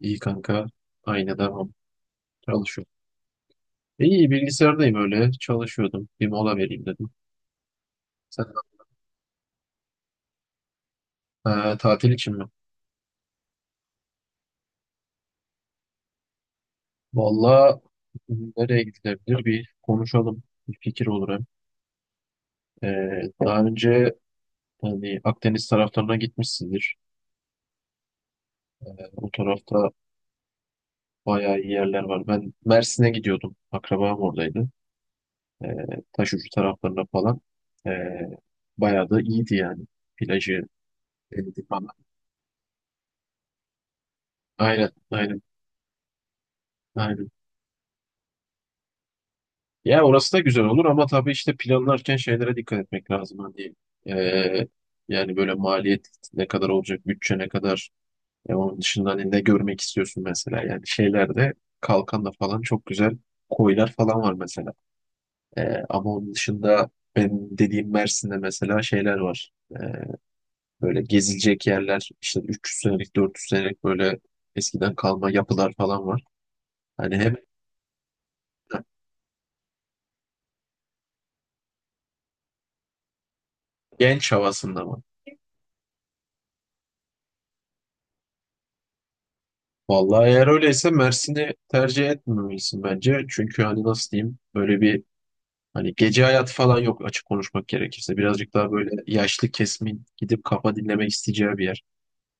İyi kanka. Aynı devam. Çalışıyorum. İyi bilgisayardayım öyle. Çalışıyordum. Bir mola vereyim dedim. Sen tatil için mi? Valla nereye gidilebilir bir konuşalım. Bir fikir olur hem. Daha önce hani Akdeniz taraflarına gitmişsindir. O tarafta bayağı iyi yerler var. Ben Mersin'e gidiyordum. Akrabam oradaydı. Ee, Taşucu taraflarına falan. Ee, bayağı da iyiydi yani. Plajı, denizi falan. Aynen, aynen, aynen. Ya orası da güzel olur ama tabii işte planlarken şeylere dikkat etmek lazım. Hani eee, yani böyle maliyet ne kadar olacak, bütçe ne kadar. Onun dışında hani ne görmek istiyorsun mesela. Yani şeylerde Kalkan'da falan çok güzel koylar falan var mesela. Ama onun dışında ben dediğim Mersin'de mesela şeyler var. Böyle gezilecek yerler işte 300 senelik 400 senelik böyle eskiden kalma yapılar falan var. Hani hem genç havasında. Vallahi eğer öyleyse Mersin'i tercih etmemelisin bence. Çünkü hani nasıl diyeyim böyle bir hani gece hayatı falan yok açık konuşmak gerekirse. Birazcık daha böyle yaşlı kesimin gidip kafa dinlemek isteyeceği bir yer.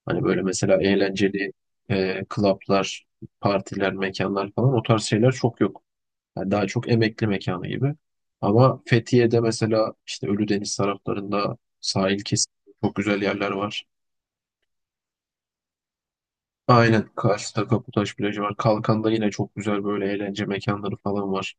Hani böyle mesela eğlenceli klaplar, partiler, mekanlar falan o tarz şeyler çok yok. Yani daha çok emekli mekanı gibi. Ama Fethiye'de mesela işte Ölüdeniz taraflarında sahil kesim çok güzel yerler var. Aynen. Kars'ta Kaputaş plajı var. Kalkan'da yine çok güzel böyle eğlence mekanları falan var.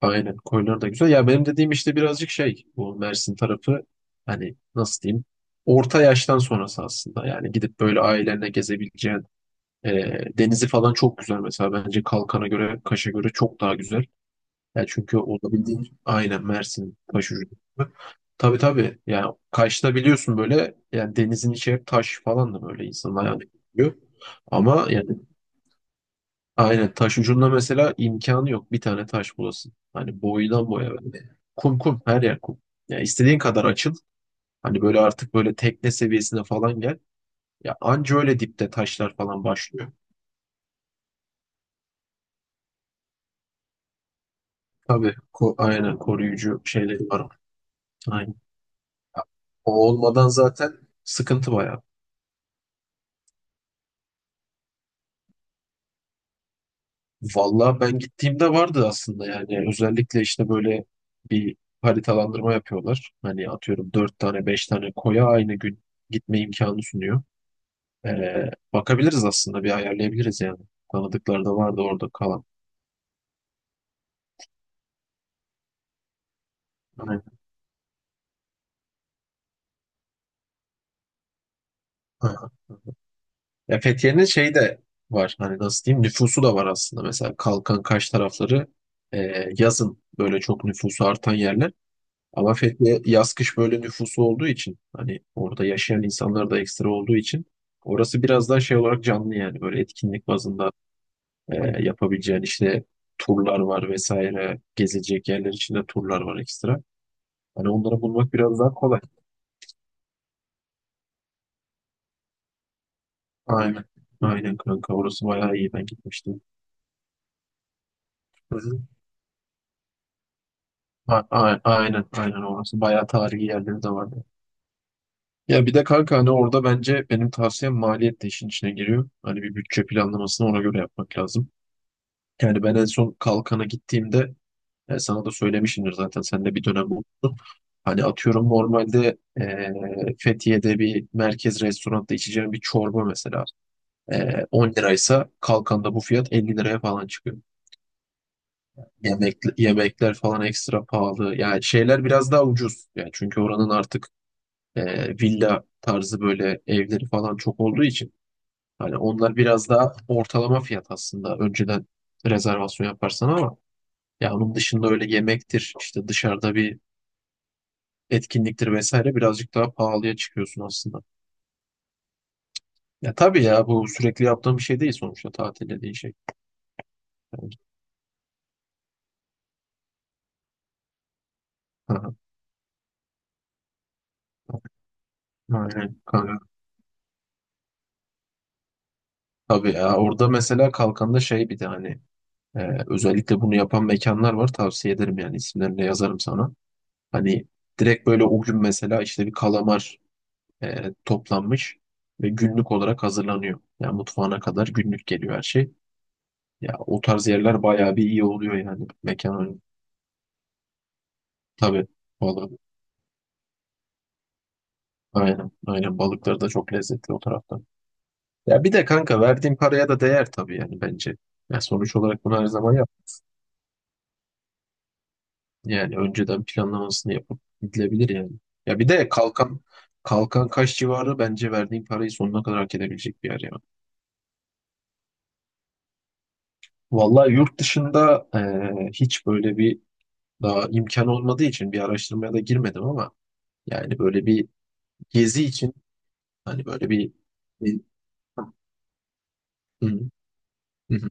Aynen. Koylar da güzel. Ya benim dediğim işte birazcık şey bu Mersin tarafı hani nasıl diyeyim orta yaştan sonrası aslında. Yani gidip böyle ailenle gezebileceğin e, denizi falan çok güzel mesela. Bence Kalkan'a göre Kaş'a göre çok daha güzel. Yani çünkü olabildiğin aynen Mersin Kaş ucu. Tabii, tabii. Yani Kaş'ta biliyorsun böyle yani denizin içi hep taş falan da böyle insanın ayağına gidiyor. Ama yani. Aynen taş ucunda mesela imkanı yok bir tane taş bulasın. Hani boydan boya böyle. Kum kum her yer kum. Ya istediğin kadar açıl. Hani böyle artık böyle tekne seviyesine falan gel. Ya anca öyle dipte taşlar falan başlıyor. Tabii aynen koruyucu şeyleri var. Aynen. Ya, o olmadan zaten sıkıntı bayağı. Vallahi ben gittiğimde vardı aslında yani özellikle işte böyle bir haritalandırma yapıyorlar. Hani atıyorum dört tane beş tane koya aynı gün gitme imkanı sunuyor. Bakabiliriz aslında bir ayarlayabiliriz yani. Tanıdıkları da vardı orada kalan. Aynen. Aha. Ya Fethiye'nin şeyi de var hani nasıl diyeyim nüfusu da var aslında mesela Kalkan Kaş tarafları yazın böyle çok nüfusu artan yerler. Ama Fethiye yaz kış böyle nüfusu olduğu için hani orada yaşayan insanlar da ekstra olduğu için orası biraz daha şey olarak canlı yani böyle etkinlik bazında yapabileceğin işte turlar var vesaire gezecek yerler içinde turlar var ekstra. Hani onları bulmak biraz daha kolay. Aynen. Aynen kanka orası bayağı iyi ben gitmiştim. Hı hı. Aynen aynen orası bayağı tarihi yerleri de vardı. Ya bir de kanka hani orada bence benim tavsiyem maliyet de işin içine giriyor. Hani bir bütçe planlamasını ona göre yapmak lazım. Yani ben en son Kalkan'a gittiğimde sana da söylemişimdir zaten sen de bir dönem bulundun. Hani atıyorum normalde Fethiye'de bir merkez restoranda içeceğim bir çorba mesela 10 liraysa Kalkan'da bu fiyat 50 liraya falan çıkıyor. Yemek, yemekler falan ekstra pahalı. Yani şeyler biraz daha ucuz. Yani çünkü oranın artık villa tarzı böyle evleri falan çok olduğu için hani onlar biraz daha ortalama fiyat aslında. Önceden rezervasyon yaparsan ama ya onun dışında öyle yemektir, işte dışarıda bir etkinliktir vesaire birazcık daha pahalıya çıkıyorsun aslında. Ya tabii ya bu sürekli yaptığım bir şey değil sonuçta tatil dediğin şey. Yani, aha, aynen kanka. Tabii ya orada mesela kalkanda şey bir de hani özellikle bunu yapan mekanlar var. Tavsiye ederim yani isimlerini de yazarım sana. Hani direkt böyle o gün mesela işte bir kalamar toplanmış ve günlük olarak hazırlanıyor. Yani mutfağına kadar günlük geliyor her şey. Ya o tarz yerler bayağı bir iyi oluyor yani mekan önü. Tabii balık. Aynen, aynen balıkları da çok lezzetli o taraftan. Ya bir de kanka verdiğin paraya da değer tabii yani bence. Ya sonuç olarak bunu her zaman yap. Yani önceden planlamasını yapıp gidilebilir yani. Ya bir de Kalkan Kaş civarı bence verdiğin parayı sonuna kadar hak edebilecek bir yer ya. Vallahi yurt dışında hiç böyle bir daha imkan olmadığı için bir araştırmaya da girmedim ama yani böyle bir gezi için hani böyle bir. Hı, hı hı.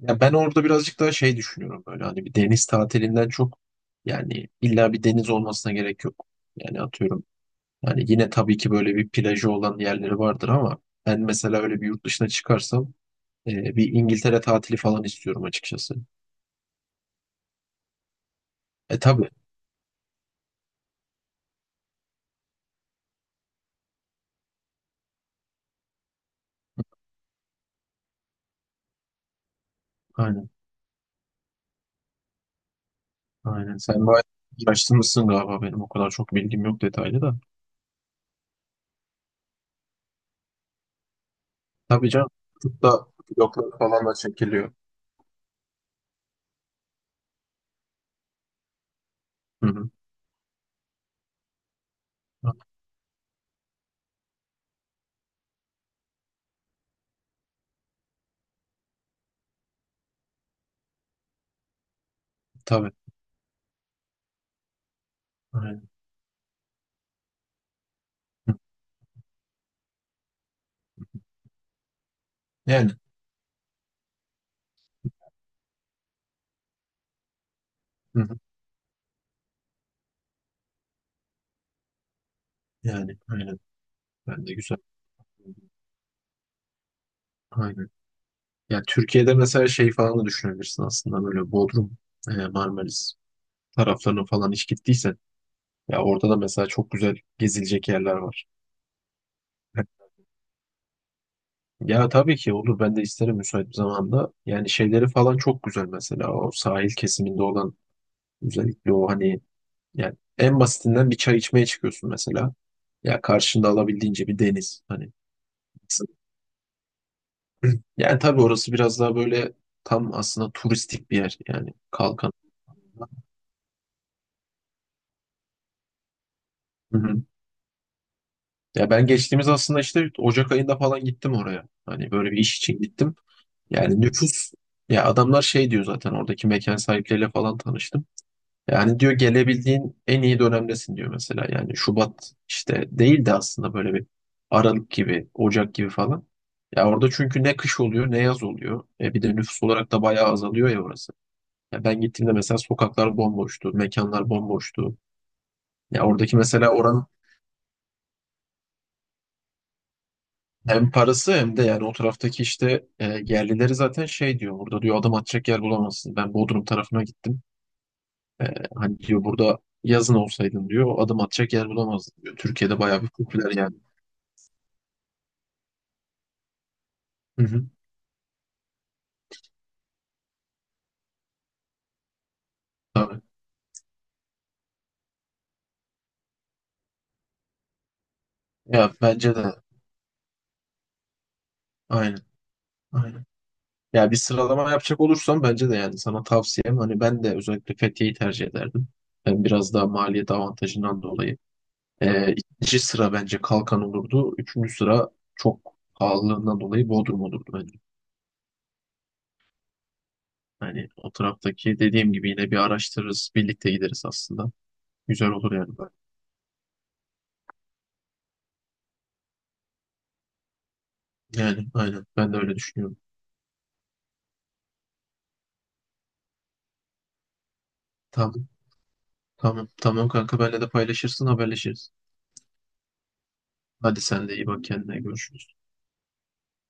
Ya ben orada birazcık daha şey düşünüyorum böyle hani bir deniz tatilinden çok yani illa bir deniz olmasına gerek yok. Yani atıyorum. Hani yine tabii ki böyle bir plajı olan yerleri vardır ama ben mesela öyle bir yurt dışına çıkarsam e, bir İngiltere tatili falan istiyorum açıkçası. E tabii. Aynen. Aynen. Sen bayağı araştırmışsın galiba benim o kadar çok bilgim yok detaylı da. Tabii canım. Tıpta bloglar falan da çekiliyor. Hı hı. Ha, tabii. Aynen. Hı. Yani. Hı hı. Yani. Aynen. Ben de güzel. Aynen. Ya Türkiye'de mesela şey falan da düşünebilirsin aslında böyle Bodrum, Marmaris taraflarına falan hiç gittiysen. Ya orada da mesela çok güzel gezilecek yerler var. Ya tabii ki olur. Ben de isterim müsait bir zamanda. Yani şeyleri falan çok güzel mesela. O sahil kesiminde olan özellikle o hani yani en basitinden bir çay içmeye çıkıyorsun mesela. Ya karşında alabildiğince bir deniz. Hani yani tabii orası biraz daha böyle tam aslında turistik bir yer. Yani kalkan. Hı hı. Ya ben geçtiğimiz aslında işte Ocak ayında falan gittim oraya. Hani böyle bir iş için gittim. Yani nüfus. Ya adamlar şey diyor zaten oradaki mekan sahipleriyle falan tanıştım. Yani diyor gelebildiğin en iyi dönemdesin diyor mesela. Yani Şubat işte değil de aslında böyle bir Aralık gibi, Ocak gibi falan. Ya orada çünkü ne kış oluyor ne yaz oluyor. Bir de nüfus olarak da bayağı azalıyor ya orası. Ya ben gittiğimde mesela sokaklar bomboştu, mekanlar bomboştu. Ya oradaki mesela oranın. Hem parası hem de yani o taraftaki işte yerlileri zaten şey diyor burada diyor adam atacak yer bulamazsın. Ben Bodrum tarafına gittim. E, hani diyor burada yazın olsaydın diyor adam atacak yer bulamazdın diyor. Türkiye'de bayağı bir popüler yani. Hı hı. Tabii. Ya bence de aynen. Aynen. Ya bir sıralama yapacak olursam bence de yani sana tavsiyem hani ben de özellikle Fethiye'yi tercih ederdim. Yani biraz daha maliyet avantajından dolayı. E, ikinci sıra bence Kalkan olurdu. Üçüncü sıra çok pahalılığından dolayı Bodrum olurdu. Hani o taraftaki dediğim gibi yine bir araştırırız. Birlikte gideriz aslında. Güzel olur yani. Yani aynen ben de öyle düşünüyorum. Tamam, tamam, tamam kanka benle de paylaşırsın haberleşiriz. Hadi sen de iyi bak kendine görüşürüz.